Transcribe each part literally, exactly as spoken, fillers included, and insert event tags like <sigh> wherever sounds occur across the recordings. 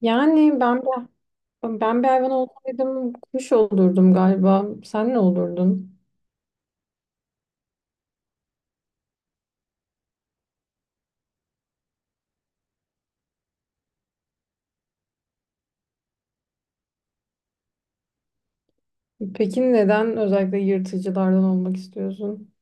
Yani ben bir, ben bir hayvan olsaydım kuş olurdum galiba. Sen ne olurdun? Peki neden özellikle yırtıcılardan olmak istiyorsun?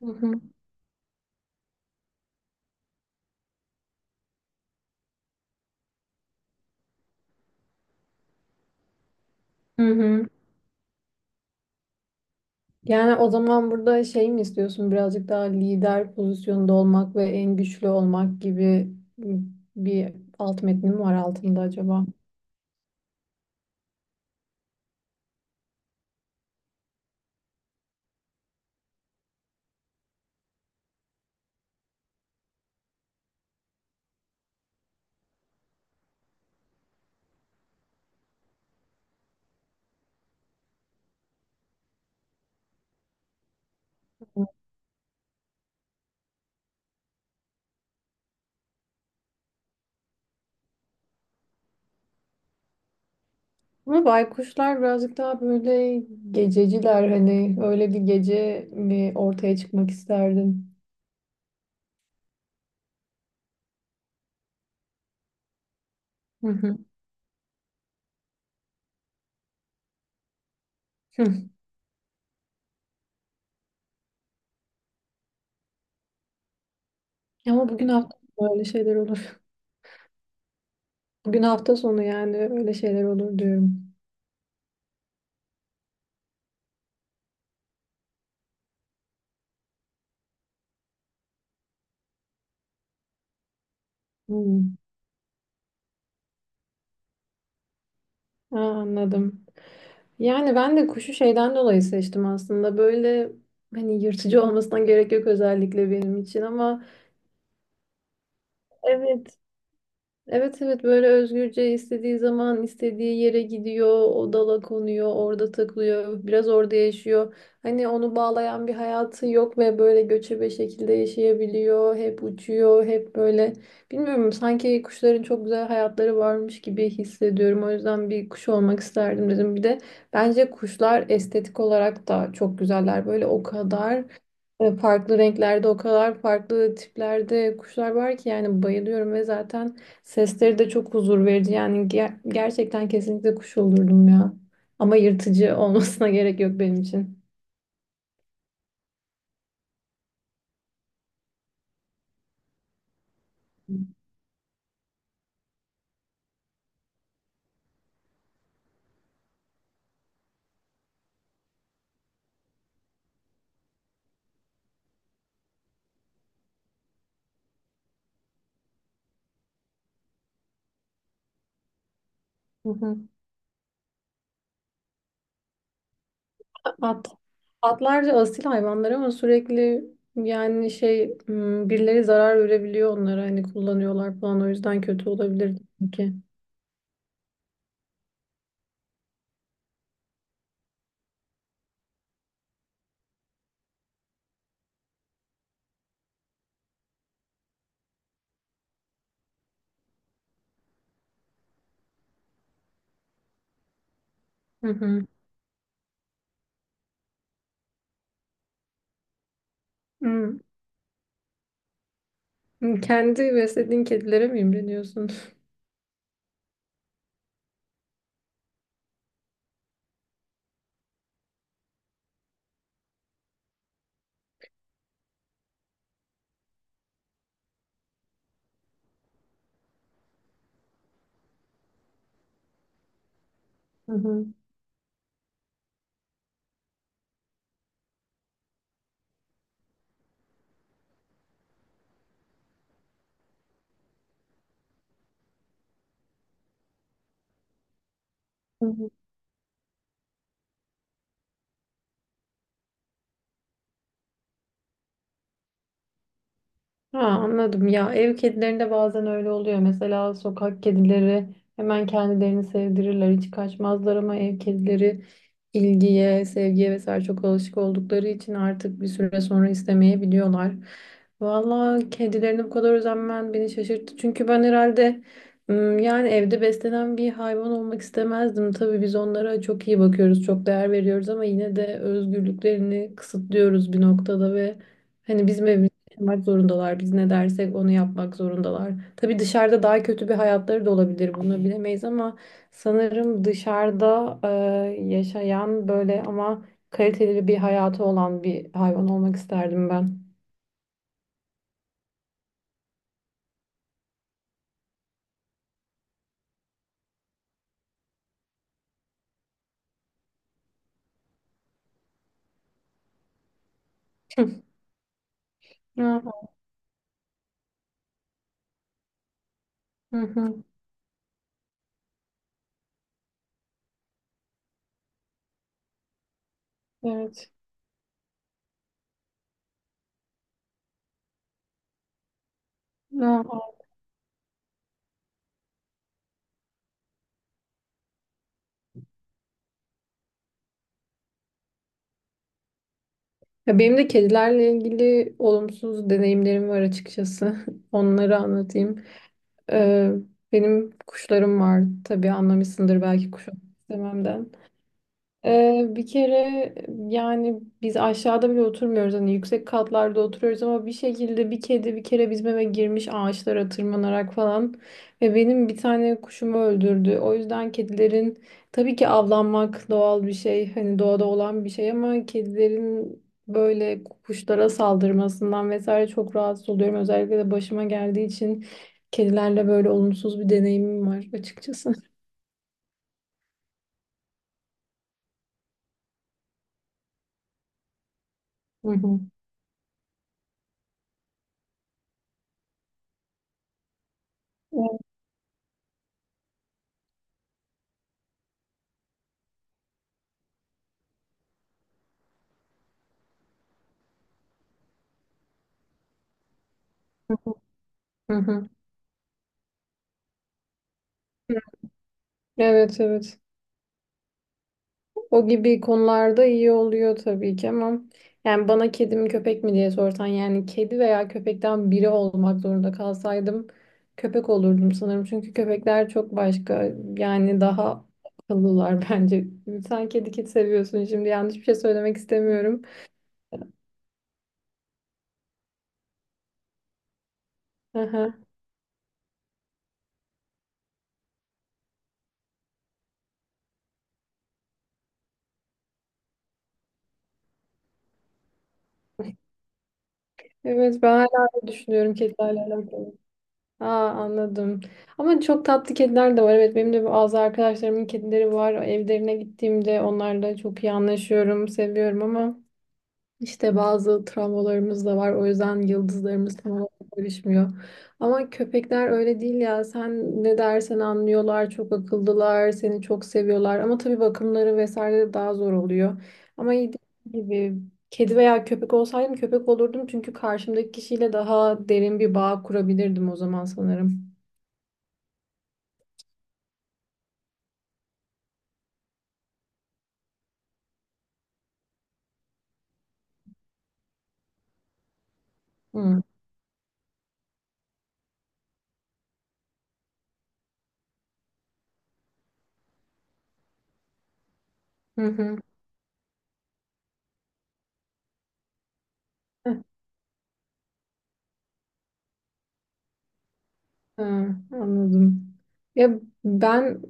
Hı hı. Hı hı. Yani o zaman burada şey mi istiyorsun? Birazcık daha lider pozisyonda olmak ve en güçlü olmak gibi bir alt metni mi var altında acaba? Ama baykuşlar birazcık daha böyle gececiler, hani öyle bir gece mi ortaya çıkmak isterdin? Hı hı. <laughs> Ama bugün hafta böyle şeyler olur. <laughs> Bugün hafta sonu, yani öyle şeyler olur diyorum. Hmm. Aa, anladım. Yani ben de kuşu şeyden dolayı seçtim aslında. Böyle hani yırtıcı olmasına gerek yok özellikle benim için ama evet. Evet evet, böyle özgürce istediği zaman istediği yere gidiyor, o dala konuyor, orada takılıyor, biraz orada yaşıyor. Hani onu bağlayan bir hayatı yok ve böyle göçebe şekilde yaşayabiliyor, hep uçuyor, hep böyle. Bilmiyorum, sanki kuşların çok güzel hayatları varmış gibi hissediyorum. O yüzden bir kuş olmak isterdim dedim. Bir de bence kuşlar estetik olarak da çok güzeller. Böyle o kadar e, farklı renklerde, o kadar farklı tiplerde kuşlar var ki yani bayılıyorum ve zaten sesleri de çok huzur verici, yani ger- gerçekten kesinlikle kuş olurdum ya. Ama yırtıcı olmasına <laughs> gerek yok benim için. Hı hı. At, atlar da asil hayvanlar ama sürekli yani şey m, birileri zarar verebiliyor onlara, hani kullanıyorlar falan, o yüzden kötü olabilir ki. Hı hı. Hı. Kendi beslediğin kedilere mi imreniyorsun? Hı hı. Hı hı. Ha, anladım. Ya ev kedilerinde bazen öyle oluyor, mesela sokak kedileri hemen kendilerini sevdirirler, hiç kaçmazlar, ama ev kedileri ilgiye, sevgiye vesaire çok alışık oldukları için artık bir süre sonra istemeyebiliyorlar. Valla kedilerine bu kadar özenmen beni şaşırttı, çünkü ben herhalde ım, yani evde beslenen bir hayvan olmak istemezdim. Tabii biz onlara çok iyi bakıyoruz, çok değer veriyoruz ama yine de özgürlüklerini kısıtlıyoruz bir noktada ve hani bizim evimizde yapmak zorundalar. Biz ne dersek onu yapmak zorundalar. Tabii dışarıda daha kötü bir hayatları da olabilir, bunu bilemeyiz, ama sanırım dışarıda e, yaşayan, böyle ama kaliteli bir hayatı olan bir hayvan olmak isterdim ben. <laughs> Hı hı. Hı. Evet. Hı. Ya benim de kedilerle ilgili olumsuz deneyimlerim var açıkçası. <laughs> Onları anlatayım. Ee, Benim kuşlarım var. Tabii anlamışsındır belki kuş istememden. Ee, bir kere yani biz aşağıda bile oturmuyoruz, hani yüksek katlarda oturuyoruz, ama bir şekilde bir kedi bir kere bizim eve girmiş ağaçlara tırmanarak falan ve benim bir tane kuşumu öldürdü. O yüzden kedilerin, tabii ki avlanmak doğal bir şey, hani doğada olan bir şey, ama kedilerin böyle kuşlara saldırmasından vesaire çok rahatsız oluyorum. Özellikle de başıma geldiği için kedilerle böyle olumsuz bir deneyimim var açıkçası. Hı hı. Hı hı. Hı hı. Evet evet. O gibi konularda iyi oluyor tabii ki, ama yani bana kedi mi köpek mi diye sorsan, yani kedi veya köpekten biri olmak zorunda kalsaydım köpek olurdum sanırım. Çünkü köpekler çok başka, yani daha akıllılar <laughs> Bence sen kedi kedi seviyorsun şimdi, yanlış bir şey söylemek istemiyorum. Aha. Evet, ben hala öyle düşünüyorum kedilerle alakalı. Aa, anladım. Ama çok tatlı kediler de var. Evet, benim de bazı arkadaşlarımın kedileri var. Evlerine gittiğimde onlarla çok iyi anlaşıyorum, seviyorum, ama işte bazı travmalarımız da var. O yüzden yıldızlarımız tam olarak görüşmüyor. Ama köpekler öyle değil ya. Sen ne dersen anlıyorlar, çok akıllılar, seni çok seviyorlar. Ama tabii bakımları vesaire de daha zor oluyor. Ama iyi gibi. Kedi veya köpek olsaydım köpek olurdum, çünkü karşımdaki kişiyle daha derin bir bağ kurabilirdim o zaman sanırım. Hı hı hı. Hı, anladım. Ya ben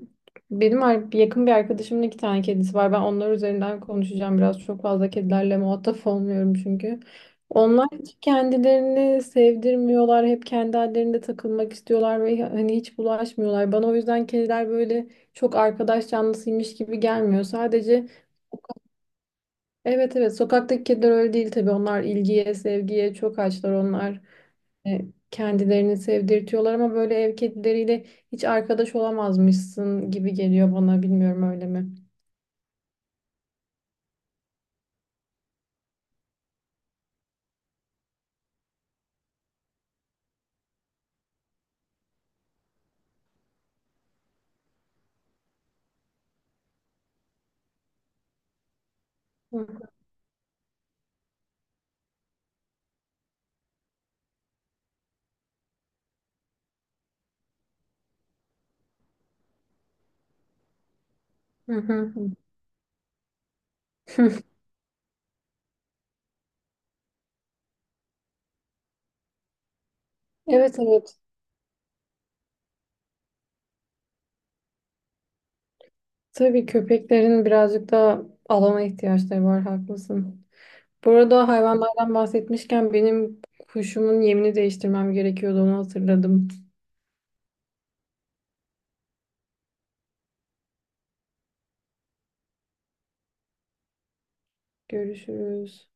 benim ar- yakın bir arkadaşımın iki tane kedisi var. Ben onlar üzerinden konuşacağım biraz. Çok fazla kedilerle muhatap <laughs> olmuyorum çünkü. Onlar hiç kendilerini sevdirmiyorlar. Hep kendi hallerinde takılmak istiyorlar ve hani hiç bulaşmıyorlar. Bana o yüzden kediler böyle çok arkadaş canlısıymış gibi gelmiyor. Sadece evet evet, sokaktaki kediler öyle değil tabii, onlar ilgiye sevgiye çok açlar, onlar e, kendilerini sevdirtiyorlar, ama böyle ev kedileriyle hiç arkadaş olamazmışsın gibi geliyor bana, bilmiyorum, öyle mi? Hı hı. <laughs> Evet evet. Tabii köpeklerin birazcık daha alana ihtiyaçları var, haklısın. Bu arada hayvanlardan bahsetmişken benim kuşumun yemini değiştirmem gerekiyordu, onu hatırladım. Görüşürüz.